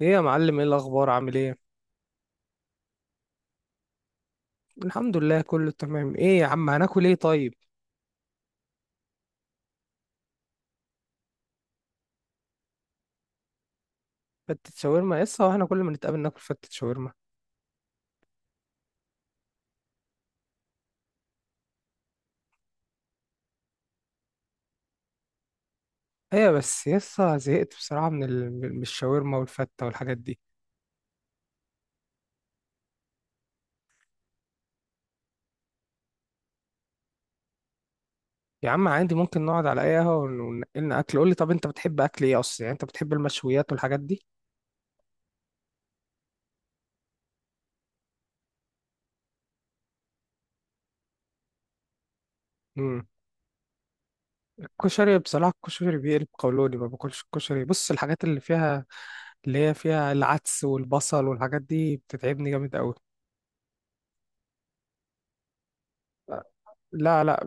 ايه يا معلم، ايه الاخبار؟ عامل ايه؟ الحمد لله كله تمام. ايه يا عم، هناكل ايه طيب؟ فتة شاورما يسا؟ واحنا كل ما نتقابل ناكل فتة شاورما. ايه بس يسا، زهقت بصراحة من من الشاورما والفتة والحاجات دي. يا عم عادي، ممكن نقعد على اي قهوة وننقلنا اكل. قول لي طب، انت بتحب اكل ايه اصلا؟ يعني انت بتحب المشويات والحاجات دي؟ امم الكشري بصراحة، الكشري بيقلب قولوني، ما باكلش الكشري. بص الحاجات اللي فيها، اللي هي فيها العدس والبصل والحاجات دي بتتعبني جامد قوي. لا لا،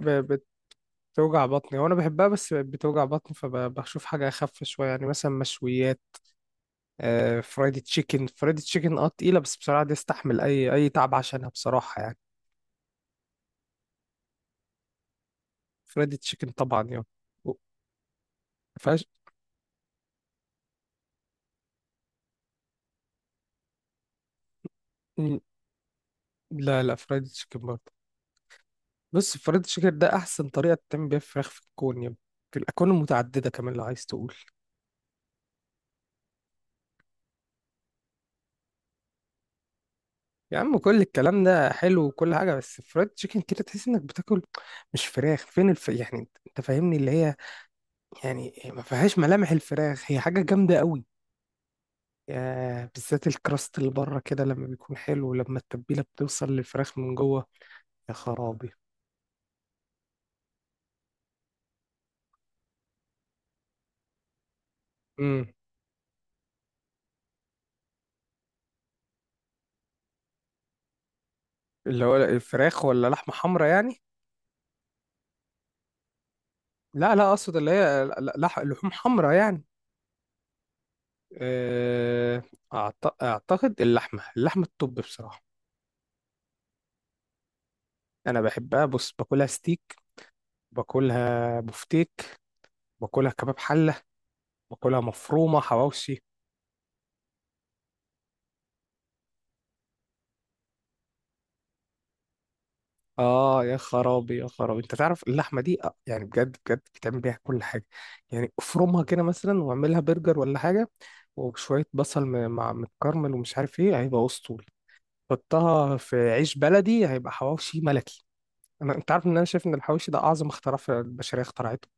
بتوجع بطني وانا بحبها بس بقت بتوجع بطني، فبشوف حاجه اخف شويه، يعني مثلا مشويات. آه فرايدي تشيكن، فرايدي تشيكن تقيله، بس بصراحه دي استحمل اي تعب عشانها بصراحه يعني. فرايدي تشيكن طبعا يعني. و- فاش. مم، لا لا، فرايدي تشيكن برضه. بص، فرايدي تشيكن ده احسن طريقه تعمل بيها فراخ في الكون، يعني في الاكوان المتعدده كمان لو عايز تقول. يا عم كل الكلام ده حلو وكل حاجه، بس فرايد تشيكن كده تحس انك بتاكل مش فراخ. فين يعني انت فاهمني، اللي هي يعني ما فيهاش ملامح الفراخ، هي حاجة جامدة قوي. آه، بالذات الكراست اللي بره كده لما بيكون حلو، لما التتبيلة بتوصل للفراخ من جوه. يا خرابي. امم اللي هو الفراخ ولا لحمة حمرا يعني؟ لا لا، اقصد اللي هي لحوم حمرا يعني. آه. اعتقد اللحمة الطب بصراحة. انا بحبها، بص، باكلها ستيك، باكلها بفتيك، باكلها كباب حلة، باكلها مفرومة حواوشي. اه يا خرابي يا خرابي، انت تعرف اللحمه دي آه، يعني بجد بجد بتعمل بيها كل حاجه. يعني افرمها كده مثلا واعملها برجر ولا حاجه، وشويه بصل مع متكرمل ومش عارف ايه، هيبقى اسطوري. حطها في عيش بلدي هيبقى حواوشي ملكي. انت عارف ان انا شايف ان الحواوشي ده اعظم اختراع في البشريه اخترعته.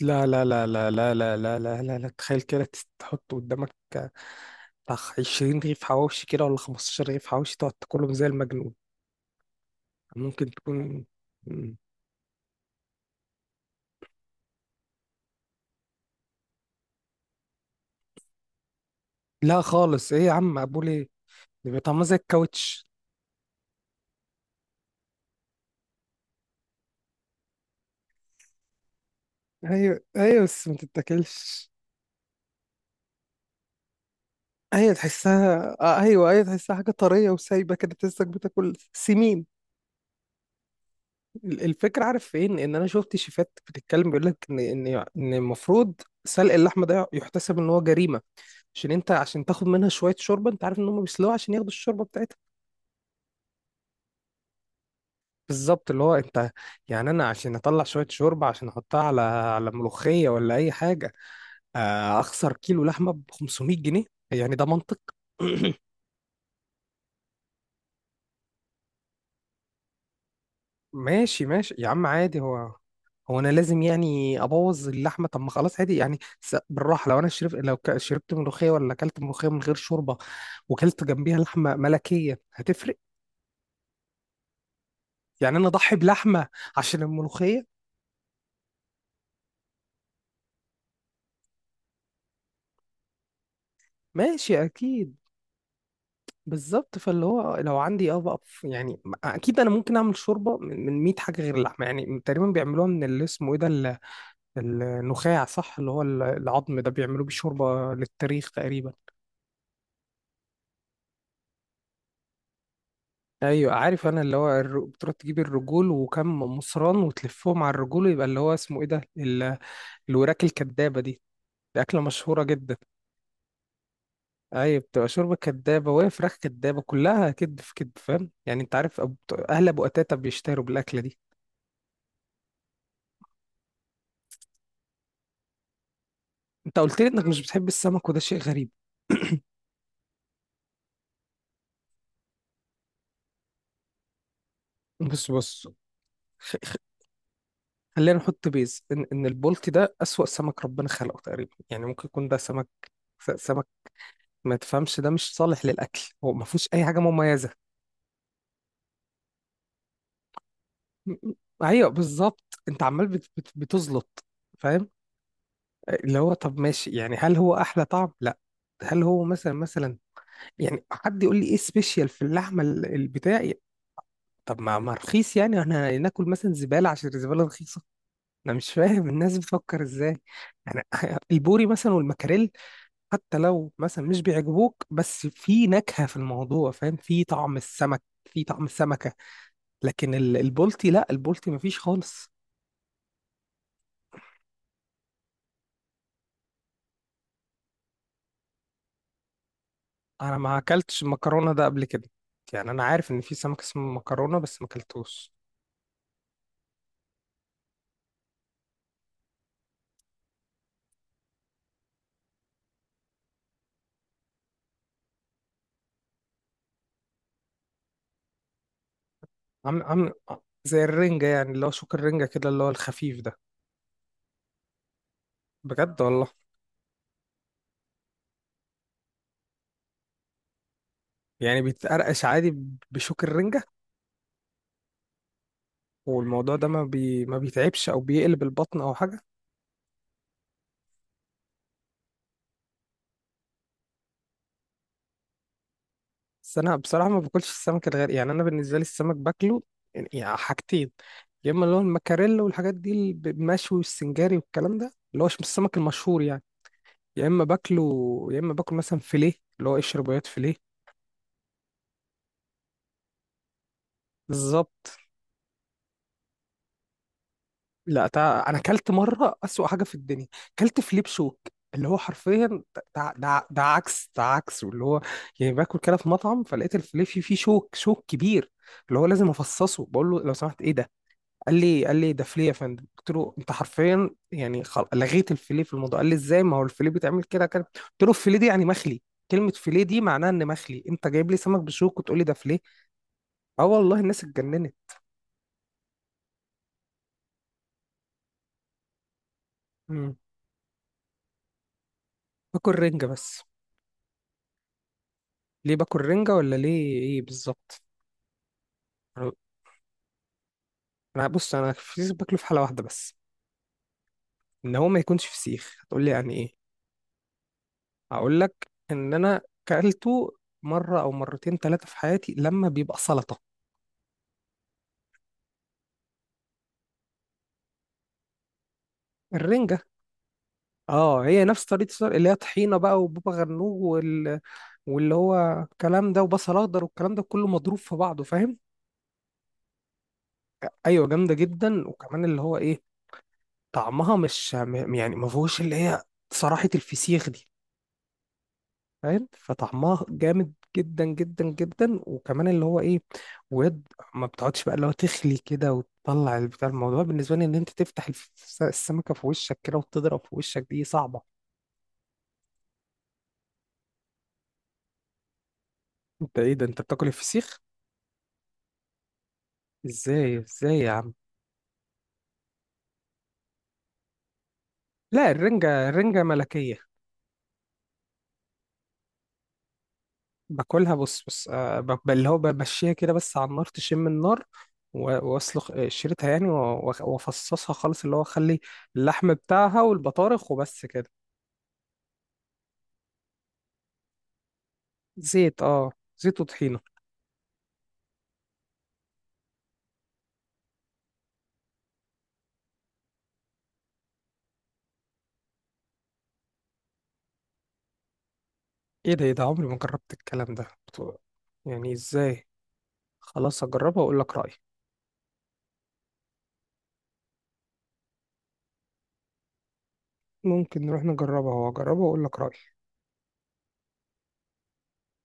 لا لا لا لا لا لا لا لا لا، لا. تخيل كده تحط قدامك آه، بتاع 20 رغيف حواوشي كده ولا 15 رغيف حواوشي تقعد تاكلهم زي المجنون. ممكن تكون. لا خالص، ايه يا عم مقبول ايه ده، بيبقى طعمها زي الكاوتش. ايوه ايوه، بس ما تتاكلش. ايوه تحسها آه، ايوه ايوه تحسها حاجه طريه وسايبه كده، تحسك بتاكل سمين. الفكرة عارف فين، ان انا شفت شيفات بتتكلم بيقول لك ان ان المفروض سلق اللحمة ده يحتسب ان هو جريمة، عشان انت عشان تاخد منها شوية شوربة. انت عارف ان هم بيسلقوها عشان ياخدوا الشوربة بتاعتها. بالظبط، اللي هو انت، يعني انا عشان اطلع شوية شوربة عشان احطها على على ملوخية ولا اي حاجة، آه، اخسر كيلو لحمه ب 500 جنيه. يعني ده منطق؟ ماشي ماشي يا عم عادي. هو، هو انا لازم يعني ابوظ اللحمه؟ طب ما خلاص عادي يعني، بالراحه. لو انا شرب، لو شربت ملوخيه ولا اكلت ملوخيه من غير شوربه وكلت جنبيها لحمه ملكيه هتفرق. يعني انا اضحي بلحمه عشان الملوخيه؟ ماشي اكيد. بالظبط، فاللي هو لو عندي بقى يعني اكيد انا ممكن اعمل شوربه من 100 حاجه غير اللحمه. يعني تقريبا بيعملوها من اللي اسمه ايه ده، النخاع صح، اللي هو العظم ده بيعملوه بشوربة للتاريخ تقريبا. ايوه عارف انا، اللي هو بتروح تجيب الرجول وكم مصران وتلفهم على الرجول، ويبقى اللي هو اسمه ايه ده الوراك الكدابة دي. دي أكلة مشهورة جدا. ايوه، بتبقى شوربة كدابة وهي فراخ كدابة، كلها كدب في كدب فاهم يعني. انت عارف اهل ابو قتاتة بيشتهروا بالأكلة دي. انت قلت لي انك مش بتحب السمك وده شيء غريب. بص بص، خلينا نحط بيز ان البولتي ده اسوأ سمك ربنا خلقه تقريبا. يعني ممكن يكون ده سمك، سمك ما تفهمش، ده مش صالح للاكل، هو ما فيهوش اي حاجه مميزه. م- م- ايوه بالظبط، انت عمال بت بتزلط فاهم. اللي هو طب ماشي يعني، هل هو احلى طعم؟ لا. هل هو مثلا يعني، حد يقول لي ايه سبيشال في اللحمه البتاع؟ طب ما رخيص، يعني احنا ناكل مثلا زباله عشان الزباله رخيصه؟ انا مش فاهم الناس بتفكر ازاي. يعني البوري مثلا والمكاريل، حتى لو مثلا مش بيعجبوك بس في نكهة في الموضوع فاهم، في طعم السمك، في طعم السمكة. لكن البولتي لا، البولتي مفيش خالص. انا ما اكلتش المكرونة ده قبل كده. يعني انا عارف ان في سمك اسمه مكرونة بس ما اكلتوش. عم زي الرنجة يعني، اللي هو شوك الرنجة كده اللي هو الخفيف ده. بجد والله. يعني بيتقرقش عادي بشوك الرنجة؟ والموضوع ده ما بيتعبش او بيقلب البطن او حاجة؟ بس انا بصراحه ما باكلش السمك الغالي. يعني انا بالنسبه لي السمك باكله يعني حاجتين، يا اما اللي هو المكاريلا والحاجات دي اللي بالمشوي والسنجاري والكلام ده اللي هو مش السمك المشهور يعني، يا اما باكله، يا اما باكل مثلا فيليه، اللي هو قشر بياض فيليه. بالظبط. لا، انا اكلت مره اسوأ حاجه في الدنيا، اكلت فيليه بشوك، اللي هو حرفيا. ده عكس، ده عكس اللي هو. يعني باكل كده في مطعم فلقيت الفيليه فيه شوك كبير، اللي هو لازم افصصه. بقول له لو سمحت ايه ده؟ قال لي ده فليه يا فندم. قلت له انت حرفيا يعني لغيت الفليه في الموضوع. قال لي ازاي، ما هو الفليه بيتعمل كده كده. قلت له الفليه دي يعني مخلي. كلمه فليه دي معناها ان مخلي، انت جايب لي سمك بشوك وتقول لي ده فليه؟ اه والله الناس اتجننت. مم. باكل رنجه بس. ليه باكل رنجه ولا ليه ايه بالظبط؟ انا بص، انا الفسيخ باكله في حاله واحده بس، ان هو ما يكونش فسيخ. هتقول لي يعني ايه؟ هقول لك ان انا كلته مره او مرتين ثلاثه في حياتي لما بيبقى سلطه. الرنجه اه هي نفس طريقة السلق، اللي هي طحينة بقى وبابا غنوج واللي هو الكلام ده وبصل اخضر والكلام ده كله مضروب في بعضه فاهم. ايوه جامدة جدا، وكمان اللي هو ايه، طعمها مش يعني ما فيهوش اللي هي، صراحة الفسيخ دي فاهم، فطعمها جامد جدا جدا جدا، وكمان اللي هو ايه، ويد ما بتقعدش بقى، اللي هو تخلي كده وتطلع البتاع، الموضوع بالنسبة لي ان انت تفتح السمكة في وشك كده وتضرب في وشك، دي صعبة. انت ايه ده، انت بتاكل الفسيخ؟ ازاي ازاي يا عم؟ لا الرنجة، الرنجة ملكية. باكلها بص بص آه، اللي هو بمشيها كده بس على النار تشم النار واسلخ آه، شريتها يعني وافصصها خالص، اللي هو اخلي اللحم بتاعها والبطارخ وبس كده. زيت اه، زيت وطحينة. ايه ده ايه ده، عمري ما جربت الكلام ده يعني ازاي؟ خلاص هجربها واقول لك رأيي. ممكن نروح نجربها واجربها واقول لك رأيي.